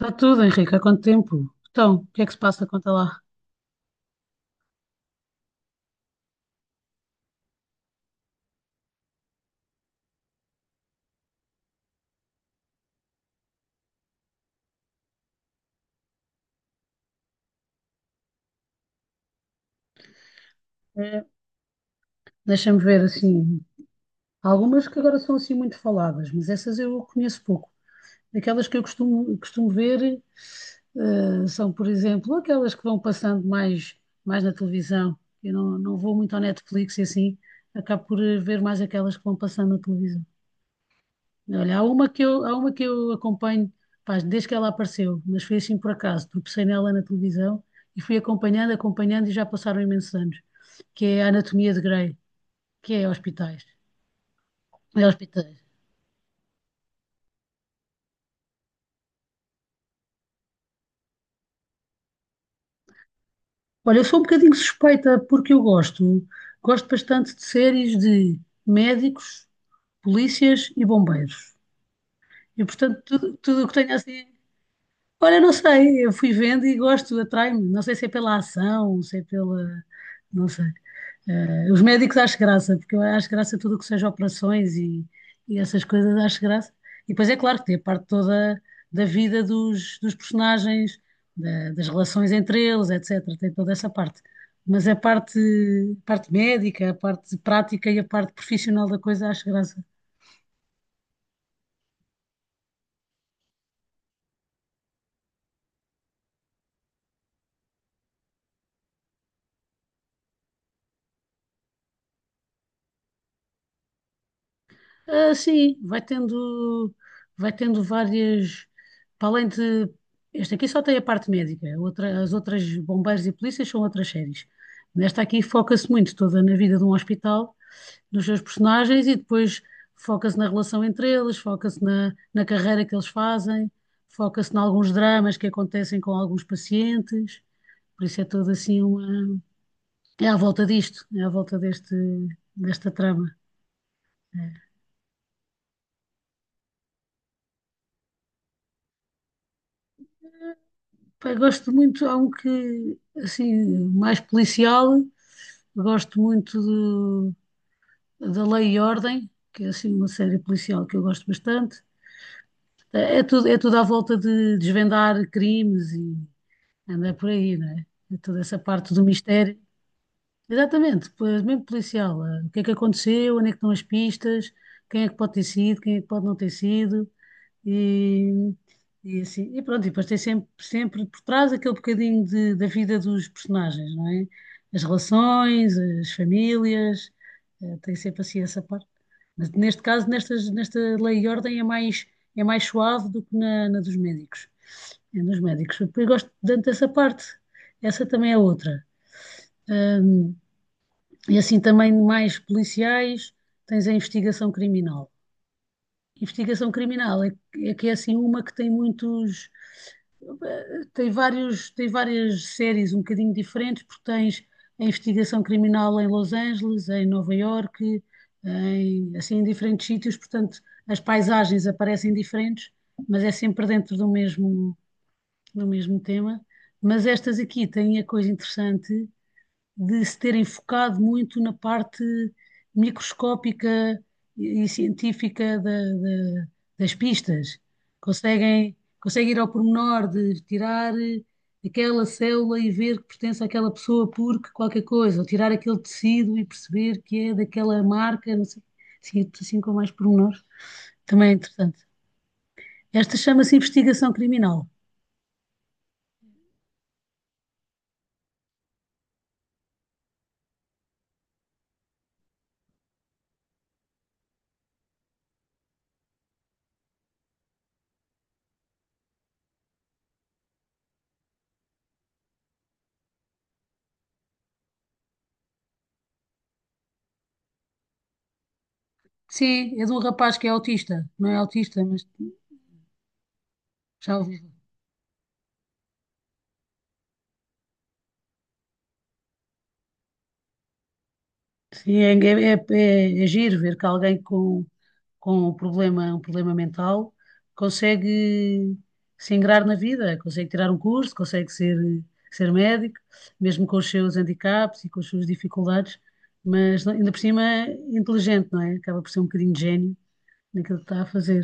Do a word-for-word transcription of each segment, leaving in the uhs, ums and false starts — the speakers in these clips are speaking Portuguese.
Está tudo, Henrique. Há quanto tempo? Então, o que é que se passa? Conta lá. É, deixa-me ver, assim, há algumas que agora são assim muito faladas, mas essas eu conheço pouco. Aquelas que eu costumo, costumo ver, eh, são, por exemplo, aquelas que vão passando mais, mais na televisão. Eu não, não vou muito ao Netflix e assim, acabo por eh, ver mais aquelas que vão passando na televisão. Olha, há uma que eu, há uma que eu acompanho, pá, desde que ela apareceu, mas foi assim por acaso, tropecei nela na televisão e fui acompanhando, acompanhando e já passaram imensos anos, que é a Anatomia de Grey, que é hospitais. É hospitais. Olha, eu sou um bocadinho suspeita porque eu gosto, gosto bastante de séries de médicos, polícias e bombeiros. E portanto, tudo, tudo o que tenho assim. Olha, não sei, eu fui vendo e gosto, atrai-me. Não sei se é pela ação, se é pela. Não sei. Eh, os médicos acho graça, porque eu acho graça tudo o que seja operações e, e essas coisas, acho graça. E depois é claro que tem a parte toda da vida dos, dos personagens, da- das relações entre eles, etecétera. Tem toda essa parte. Mas a parte, parte médica, a parte prática e a parte profissional da coisa acho graça. Ah, sim, vai tendo, vai tendo várias. Para além de. Este aqui só tem a parte médica, outra- as outras bombeiros e polícias são outras séries. Nesta aqui foca-se muito toda na vida de um hospital, nos seus personagens e depois foca-se na relação entre eles, foca-se na, na carreira que eles fazem, foca-se em alguns dramas que acontecem com alguns pacientes. Por isso é toda assim uma. É à volta disto, é à volta deste, desta trama. É. Pá, gosto muito, há um que, assim, mais policial, gosto muito do- da Lei e Ordem, que é assim uma série policial que eu gosto bastante. É é tudo, é tudo à volta de desvendar crimes e andar por aí, não é? É toda essa parte do mistério. Exatamente, pois, mesmo policial. eh, O que é que aconteceu, onde é que estão as pistas, quem é que pode ter sido, quem é que pode não ter sido. E, e assim, e pronto, e depois tem sempre, sempre por trás aquele bocadinho de- da vida dos personagens, não é? As relações, as famílias, eh, tem sempre assim essa parte. Mas neste caso, nestas, nesta Lei e Ordem é mais, é mais, suave do que na, na dos médicos. É dos médicos. Depois gosto tanto dessa parte. Essa também é outra. Ahm, e assim também mais policiais, tens a investigação criminal. Investigação criminal é, é que é assim uma que tem muitos, tem vários, tem várias séries um bocadinho diferentes, porque tens a investigação criminal em Los Angeles, em Nova Iorque, em, assim em diferentes sítios, portanto as paisagens aparecem diferentes, mas é sempre dentro do mesmo, do mesmo tema. Mas estas aqui têm a coisa interessante de se terem focado muito na parte microscópica e científica da- da- das pistas. Conseguem, conseguem ir ao pormenor de tirar aquela célula e ver que pertence àquela pessoa porque qualquer coisa, ou tirar aquele tecido e perceber que é daquela marca, não sei, assim, assim com mais pormenores. Também é interessante. Esta chama-se investigação criminal. Sim, é de um rapaz que é autista. Não é autista, mas já ouvi. Sim, é, é, é, é é giro ver que alguém com, com um problema, um problema mental consegue se ingrar na vida, consegue tirar um curso, consegue ser, ser médico, mesmo com os seus handicaps e com as suas dificuldades, mas não- ainda por cima é inteligente, não é? Acaba por ser um bocadinho de gênio naquilo que está a fazer.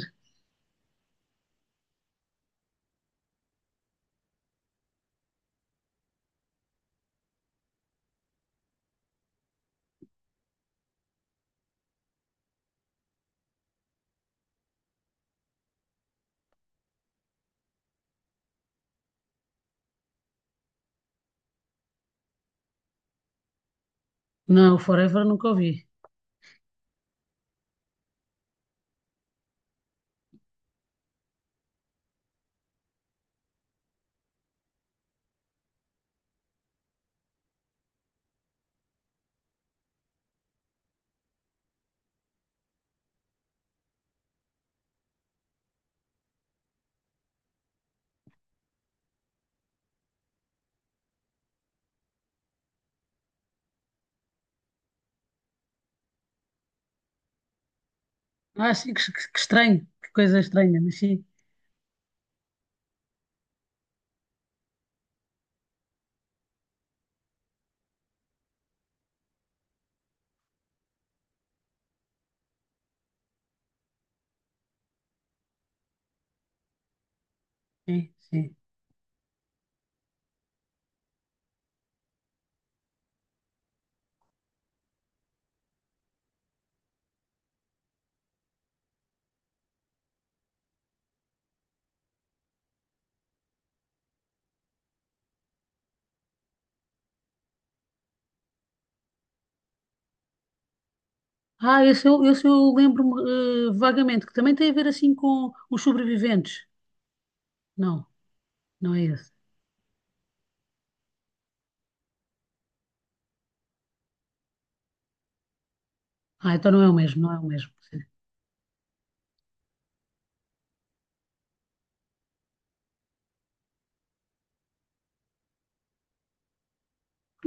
Não, o Forever nunca ouvi. Ah, sim, que, que- que estranho, que coisa estranha, mas sim, sim, sim. Ah, esse eu, esse eu lembro-me eh, vagamente, que também tem a ver assim com os sobreviventes. Não, não é esse. Ah, então não é o mesmo, não é o mesmo. Sim.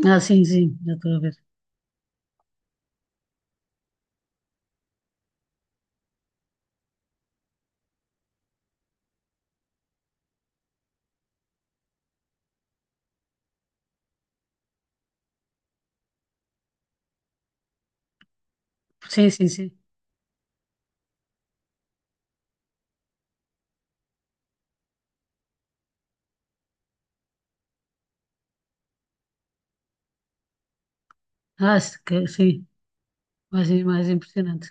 Ah, sim, sim, já estou a ver. Sim, sim, sim. Ah, se ca- sim, mais, mais impressionante.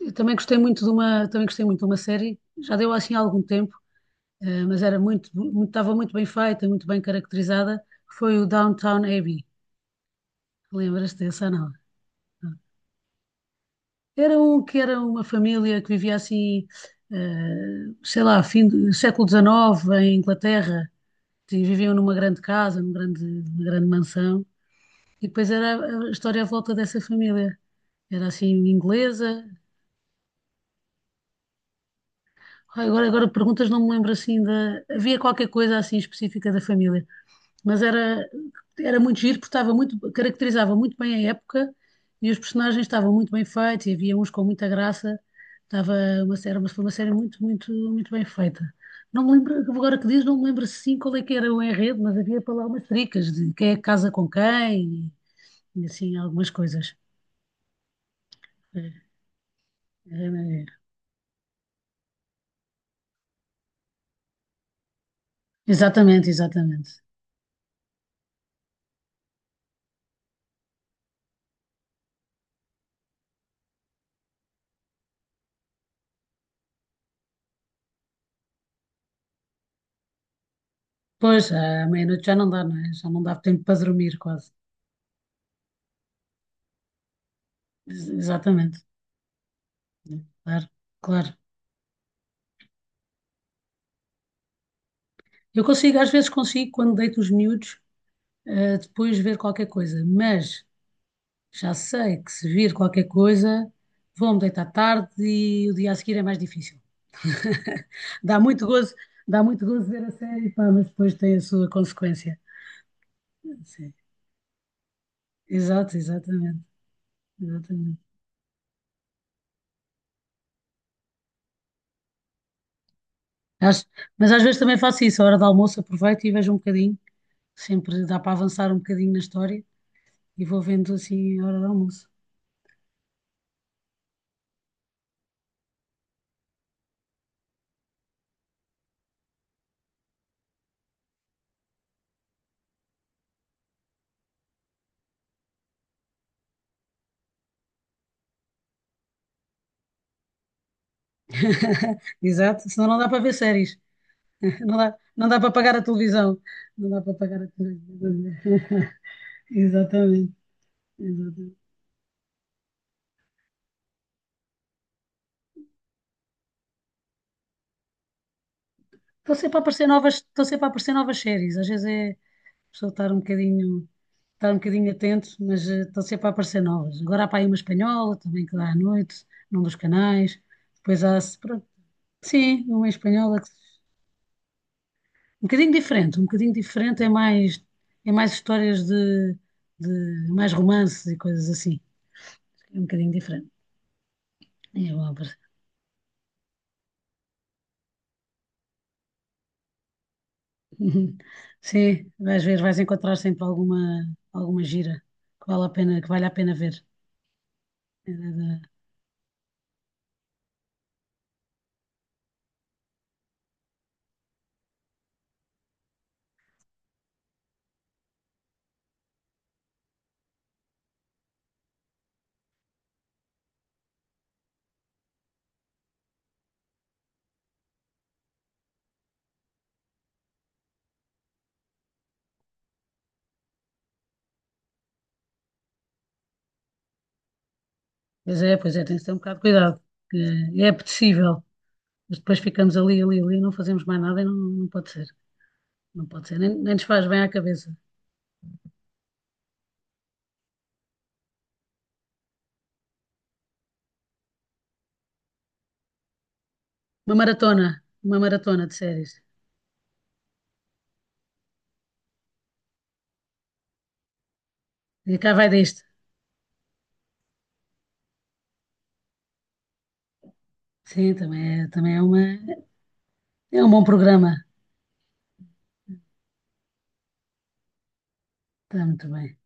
Eu também gostei muito de uma, também gostei muito de uma série, já deu assim há algum tempo, eh, mas era muito, muito, estava muito bem feita, muito bem caracterizada, foi o Downtown Abbey. Lembras-te dessa, não? Era um que era uma família que vivia assim, eh, sei lá, fim do século dezanove em Inglaterra, e viviam numa grande casa, numa grande, numa grande mansão, e depois era a história à volta dessa família. Era assim, inglesa. Ai, Agora, agora perguntas, não me lembro assim da. Havia qualquer coisa assim específica da família. Mas era, era muito giro, porque estava muito, caracterizava muito bem a época e os personagens estavam muito bem feitos e havia uns com muita graça. Estava uma série, mas foi uma série muito, muito, muito bem feita. Não me lembro, agora que diz, não me lembro sim qual é que era o enredo, mas havia para lá umas tricas de quem é que casa com quem e, e assim algumas coisas. É, é, é. Exatamente, exatamente. Pois, à meia-noite já não dá, não é? Já não dá tempo para dormir quase. Ex- Exatamente. É, claro, claro. Eu consigo, às vezes consigo, quando deito os miúdos, eh, depois ver qualquer coisa, mas já sei que se vir qualquer coisa, vou-me deitar tarde e o dia a seguir é mais difícil. Dá muito gozo, dá muito gozo ver a série, pá, mas depois tem a sua consequência. Sim. Exato, exatamente, exatamente. Acho- mas às vezes também faço isso, a hora do almoço aproveito e vejo um bocadinho, sempre dá para avançar um bocadinho na história e vou vendo assim a hora do almoço. Exato, senão não dá para ver séries. Não dá, não dá para pagar a televisão. Não dá para pagar a televisão. Exatamente. Exatamente. Estão sempre a aparecer novas, estão sempre a aparecer novas séries. Às vezes é a pessoa estar um bocadinho, estar um bocadinho atento, mas eh, estão sempre a aparecer novas. Agora há para aí uma espanhola também que dá à noite, num dos canais. Depois há, pronto, sim, uma espanhola que, um bocadinho diferente, um bocadinho diferente é mais, é mais, histórias de, de mais romances e coisas assim. É um bocadinho diferente. É bom. Uhum. Sim, vais ver, vais encontrar sempre alguma, alguma gira que vale a pena, que vale a pena ver. É, é, é. Pois é, pois é, tem que ter um bocado de cuidado, que é apetecível, mas depois ficamos ali, ali, ali, não fazemos mais nada e não, não pode ser, não pode ser, nem, nem nos faz bem à cabeça. Uma maratona, uma maratona de séries. E cá vai disto. Sim, também é, também é uma, é um bom programa. Está muito bem.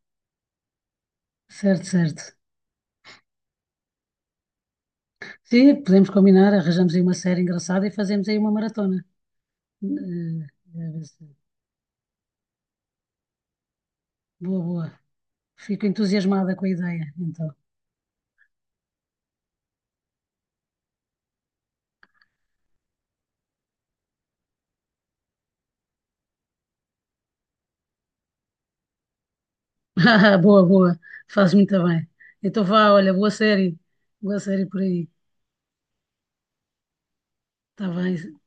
Certo, certo. Sim, podemos combinar, arranjamos aí uma série engraçada e fazemos aí uma maratona. Eh, Boa, boa. Fico entusiasmada com a ideia, então. Boa, boa. Faz muito bem. Então vá, olha, boa série. Boa série por aí. Está bem.